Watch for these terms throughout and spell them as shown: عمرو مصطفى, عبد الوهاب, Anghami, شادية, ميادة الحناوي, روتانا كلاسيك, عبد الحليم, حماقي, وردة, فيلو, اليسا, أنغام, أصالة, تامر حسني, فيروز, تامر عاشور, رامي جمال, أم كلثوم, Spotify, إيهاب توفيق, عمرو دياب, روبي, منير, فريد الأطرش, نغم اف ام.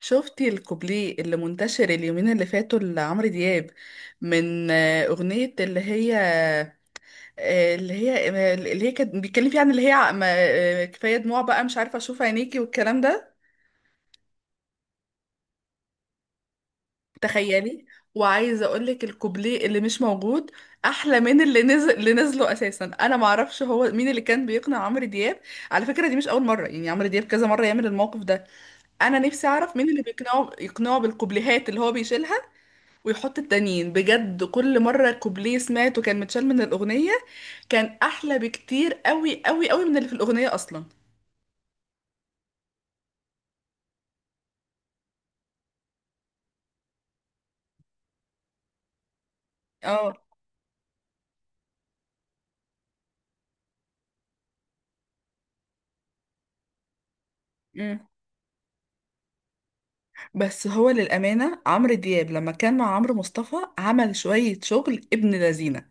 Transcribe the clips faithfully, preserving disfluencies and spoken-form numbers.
شفتي الكوبليه اللي منتشر اليومين اللي فاتوا لعمرو دياب من آه، أغنية اللي هي آه، اللي هي آه، اللي هي كانت بيتكلم فيها عن اللي هي ع- ما- آه، كفاية دموع بقى مش عارفة أشوف عينيكي والكلام ده. تخيلي، وعايزة أقولك الكوبليه اللي مش موجود أحلى من اللي نزل، اللي نزله أساسا. أنا معرفش هو مين اللي كان بيقنع عمرو دياب. على فكرة دي مش أول مرة، يعني عمرو دياب كذا مرة يعمل الموقف ده. أنا نفسي أعرف مين اللي بيقنعه يقنعه بالكوبليهات اللي هو بيشيلها ويحط التانيين. بجد كل مرة كوبليه سمعته كان متشال من الأغنية، كان أحلى بكتير قوي قوي قوي من اللي في الأغنية أصلا. اه. مم. بس هو للأمانة عمرو دياب لما كان مع عمرو مصطفى عمل شوية شغل ابن لذينة.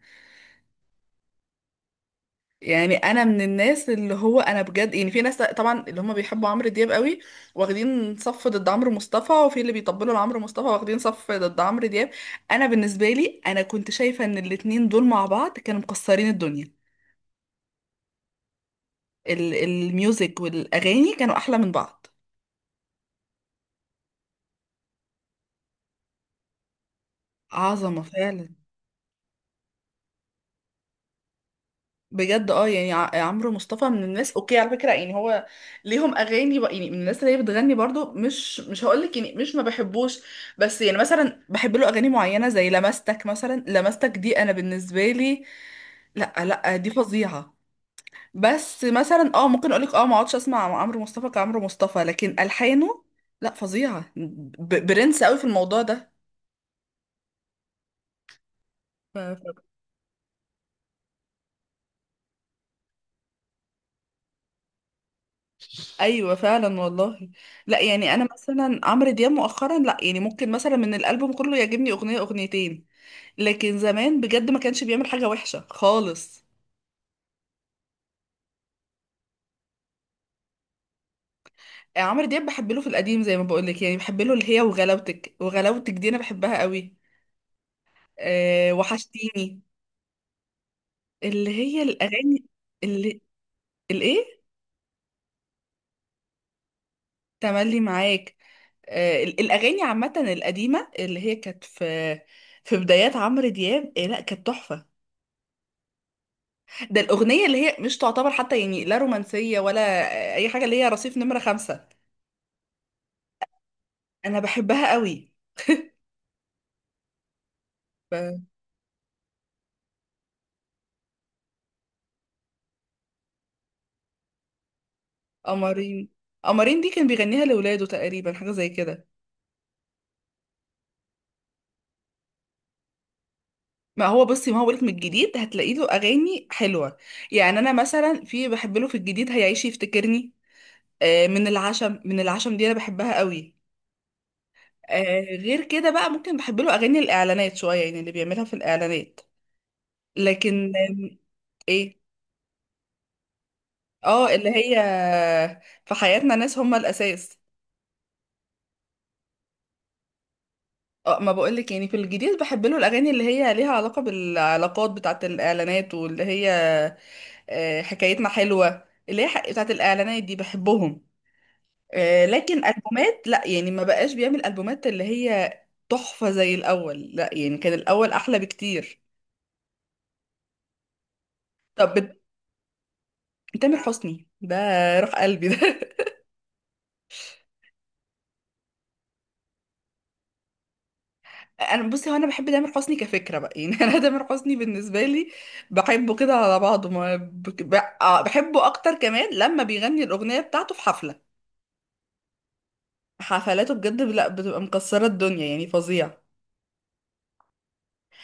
يعني أنا من الناس اللي هو، أنا بجد، يعني في ناس طبعا اللي هم بيحبوا عمرو دياب قوي، واخدين صف ضد عمرو مصطفى، وفي اللي بيطبلوا لعمرو مصطفى واخدين صف ضد عمرو دياب. أنا بالنسبة لي أنا كنت شايفة إن الاتنين دول مع بعض كانوا مكسرين الدنيا. ال- الميوزك والاغاني كانوا احلى من بعض. عظمه فعلا، بجد. اه يعني ع- عمرو مصطفى من الناس اوكي على فكره، يعني هو ليهم اغاني بق- يعني من الناس اللي هي بتغني برضو، مش مش هقول لك يعني مش ما بحبوش. بس يعني مثلا بحب له اغاني معينه زي لمستك. مثلا لمستك دي انا بالنسبه لي، لا لا، دي فظيعه. بس مثلا اه ممكن اقول لك اه ما اقعدش اسمع عمرو مصطفى كعمرو مصطفى، لكن الحانه لا فظيعه. ب- برنس قوي في الموضوع ده. ايوه فعلا والله. لا يعني انا مثلا عمرو دياب مؤخرا لا يعني ممكن مثلا من الالبوم كله يعجبني اغنيه اغنيتين، لكن زمان بجد ما كانش بيعمل حاجه وحشه خالص. عمرو دياب بحب له في القديم زي ما بقول لك، يعني بحب له اللي هي وغلاوتك. وغلاوتك دي انا بحبها قوي. أه، وحشتيني، اللي هي الاغاني، اللي الايه، تملي معاك. أه ال- الاغاني عامه القديمه اللي هي كانت في في بدايات عمرو دياب إيه، لا كانت تحفه. ده الأغنية اللي هي مش تعتبر حتى يعني لا رومانسية ولا أي حاجة، اللي هي رصيف نمرة خمسة. أنا بحبها قوي. ب- قمرين. قمرين دي كان بيغنيها لولاده تقريبا، حاجة زي كده. ما هو بصي، ما هو بقولك من الجديد هتلاقي له أغاني حلوة. يعني أنا مثلا في بحب له في الجديد هيعيش يفتكرني. آه، من العشم، من العشم دي أنا بحبها قوي. آه، غير كده بقى ممكن بحب له أغاني الإعلانات شوية، يعني اللي بيعملها في الإعلانات. لكن آم، إيه. اه اللي هي في حياتنا ناس هم الاساس. اه، ما بقولك يعني في الجديد بحب له الاغاني اللي هي ليها علاقه بالعلاقات بتاعه الاعلانات واللي هي آه، حكايتنا حلوه، اللي هي حق- بتاعه الاعلانات. دي بحبهم. آه، لكن البومات لا، يعني ما بقاش بيعمل البومات اللي هي تحفه زي الاول، لا يعني كان الاول احلى بكتير. طب بت- تامر حسني ده، روح قلبي ده انا بصي، هو انا بحب تامر حسني كفكره بقى يعني انا تامر حسني بالنسبه لي بحبه كده على بعضه. ما بك- ب- آه، بحبه اكتر كمان لما بيغني الاغنيه بتاعته في حفله. حفلاته بجد لا، بتبقى مكسره الدنيا يعني، فظيع.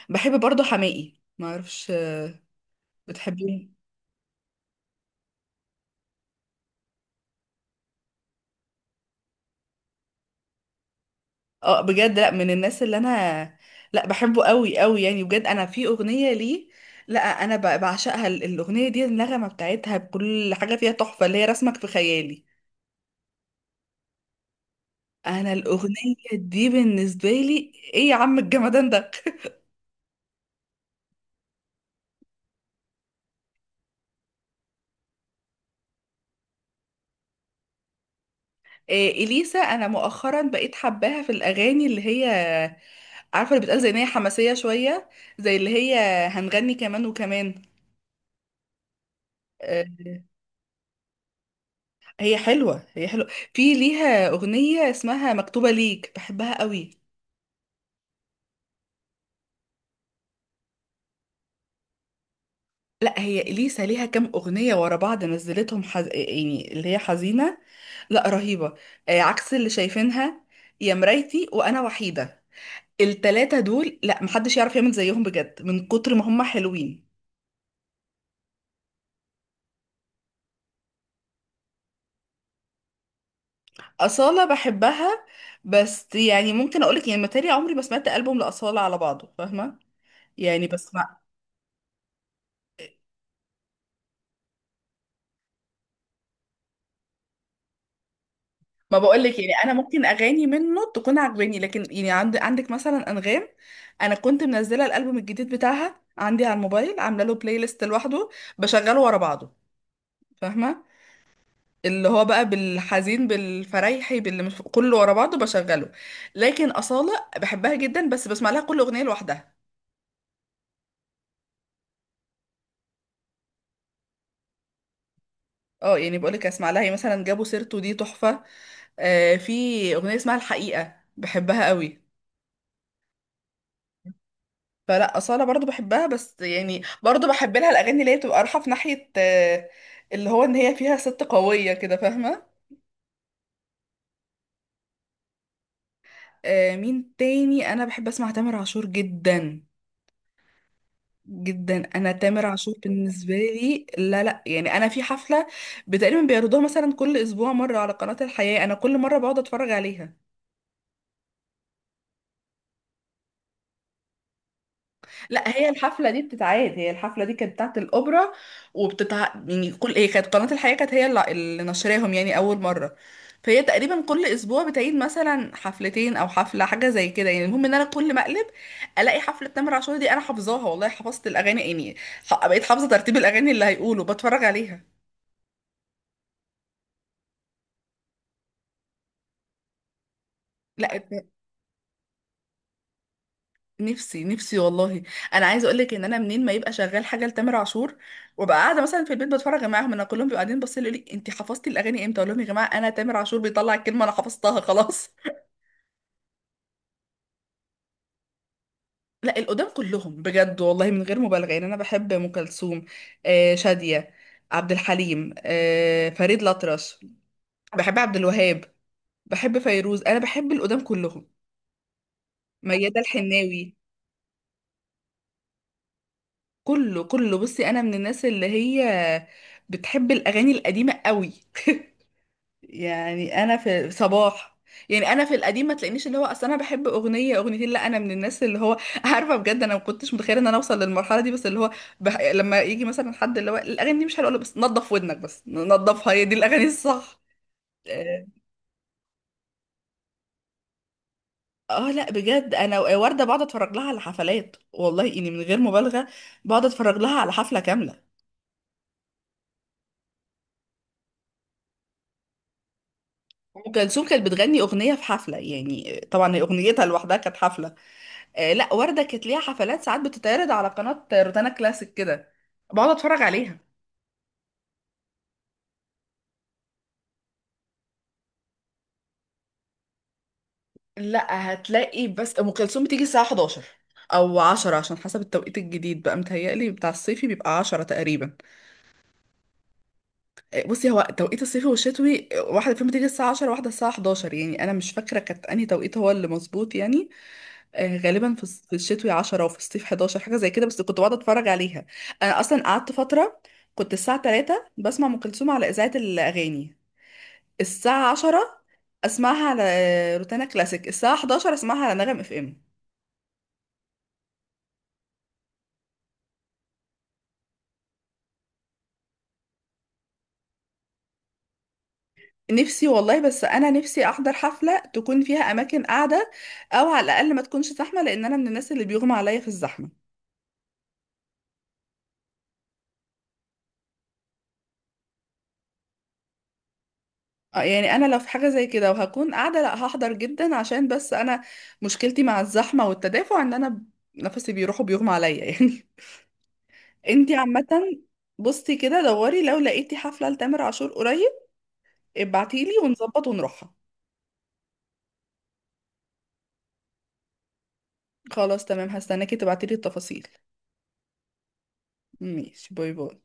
بحب برضه حماقي، ما اعرفش، آه، بتحبيه؟ اه بجد، لا من الناس اللي انا، لا بحبه قوي قوي يعني بجد. انا في اغنيه ليه، لا انا ب- بعشقها. ال- الاغنيه دي النغمه بتاعتها بكل حاجه فيها تحفه، اللي هي رسمك في خيالي. انا الاغنيه دي بالنسبه لي ايه يا عم الجمدان ده إيه، اليسا انا مؤخرا بقيت حباها في الاغاني اللي هي، عارفه اللي بتقال زي ان هي حماسيه شويه، زي اللي هي هنغني كمان وكمان. آه، هي حلوه هي حلوه. في ليها اغنيه اسمها مكتوبه ليك، بحبها قوي. لا هي اليسا ليها كام اغنيه ورا بعض نزلتهم حز... يعني اللي هي حزينه، لا رهيبه. آه، عكس اللي شايفينها، يا مرايتي، وانا وحيده، التلاتة دول لا محدش يعرف يعمل زيهم بجد من كتر ما هم حلوين. أصالة بحبها، بس يعني ممكن أقولك يعني متهيألي عمري ما سمعت ألبوم لأصالة على بعضه، فاهمة؟ يعني بسمع ما ما بقولك يعني أنا ممكن أغاني منه تكون عجباني، لكن يعني عند... عندك مثلا أنغام، أنا كنت منزلة الألبوم الجديد بتاعها عندي على الموبايل، عاملة له بلاي ليست لوحده، بشغله ورا بعضه، فاهمة؟ اللي هو بقى بالحزين بالفريحي باللي مش كله ورا بعضه بشغله. لكن أصالة بحبها جدا، بس بسمع لها كل أغنية لوحدها. اه يعني بقولك اسمع لها، يعني مثلا جابوا سيرته دي تحفة. آه، في أغنية اسمها الحقيقة بحبها قوي. فلا أصالة برضو بحبها، بس يعني برضو بحب لها الأغاني اللي هي بتبقى رايحة في ناحية آه، اللي هو إن هي فيها ست قوية كده، فاهمة؟ آه، مين تاني؟ أنا بحب أسمع تامر عاشور جدا جدا. انا تامر عاشور بالنسبه لي لا لا يعني. انا في حفله تقريبا بيعرضوها مثلا كل اسبوع مره على قناه الحياه، انا كل مره بقعد اتفرج عليها. لا هي الحفله دي بتتعاد، هي الحفله دي كانت بتاعت الاوبرا، وبتتع يعني كل، هي كانت قناه الحياه كانت هي اللي اللي نشراهم يعني اول مره. فهي تقريبا كل اسبوع بتعيد مثلا حفلتين او حفله، حاجه زي كده. يعني المهم ان انا كل ما اقلب الاقي حفله تامر عاشور دي. انا حافظاها والله، حفظت الاغاني يعني. ح- بقيت حافظه ترتيب الاغاني اللي هيقولوا، بتفرج عليها. لا، نفسي نفسي والله. انا عايزه اقول لك ان انا منين ما يبقى شغال حاجه لتامر عاشور وابقى قاعده مثلا في البيت بتفرج معاهم. انا كلهم بيبقوا قاعدين باصين يقولوا لي انت حفظتي الاغاني امتى؟ اقول لهم يا جماعه انا تامر عاشور بيطلع الكلمه انا حفظتها خلاص. لا القدام كلهم بجد والله من غير مبالغه. يعني انا بحب ام كلثوم، آه شاديه، عبد الحليم، آه فريد الأطرش، بحب عبد الوهاب، بحب فيروز. انا بحب القدام كلهم، ميادة الحناوي، كله كله. بصي، انا من الناس اللي هي بتحب الاغاني القديمه قوي. يعني انا في صباح، يعني انا في القديم ما تلاقينيش اللي هو اصل انا بحب اغنيه اغنيتين، لا انا من الناس اللي هو عارفه بجد انا ما كنتش متخيله ان انا اوصل للمرحله دي. بس اللي هو بح... لما يجي مثلا حد اللي هو الاغاني دي مش حلوه، أقول له بس نظف ودنك، بس نظفها، هي دي الاغاني الصح. اه. آه، لا بجد، انا ورده بقعد اتفرج لها على حفلات، والله اني من غير مبالغه بقعد اتفرج لها على حفله كامله. ام كلثوم كانت بتغني اغنيه في حفله، يعني طبعا هي اغنيتها لوحدها كانت حفله. آه لا، وردة كانت ليها حفلات ساعات بتتعرض على قناة روتانا كلاسيك كده، بقعد اتفرج عليها. لا هتلاقي بس ام كلثوم بتيجي الساعه حداشر او عشرة، عشان حسب التوقيت الجديد بقى متهيألي بتاع الصيفي بيبقى عشرة تقريبا. آه، بصي، هو توقيت الصيفي والشتوي آه، واحدة فيهم بتيجي الساعة عشرة، واحدة الساعة حداشر، يعني أنا مش فاكرة كانت أنهي توقيت هو اللي مظبوط يعني. آه، غالبا في الص- في الشتوي عشرة وفي الصيف حداشر، حاجة زي كده. بس كنت بقعد أتفرج عليها. أنا أصلا قعدت فترة كنت الساعة تلاتة بسمع أم كلثوم على إذاعة الأغاني، الساعة عشرة أسمعها على روتانا كلاسيك، الساعة حداشر أسمعها على نغم اف ام. نفسي والله، بس أنا نفسي أحضر حفلة تكون فيها أماكن قاعدة، أو على الأقل ما تكونش زحمة، لأن أنا من الناس اللي بيغمى عليا في الزحمة. آه، يعني أنا لو في حاجة زي كده وهكون قاعدة، لأ هحضر جدا. عشان بس أنا مشكلتي مع الزحمة والتدافع إن أنا نفسي بيروح وبيغمى عليا يعني. انتي عامة بصي كده دوري، لو لقيتي حفلة لتامر عاشور قريب ابعتيلي ونظبط ونروحها. خلاص تمام، هستناكي تبعتيلي التفاصيل. ماشي، باي باي.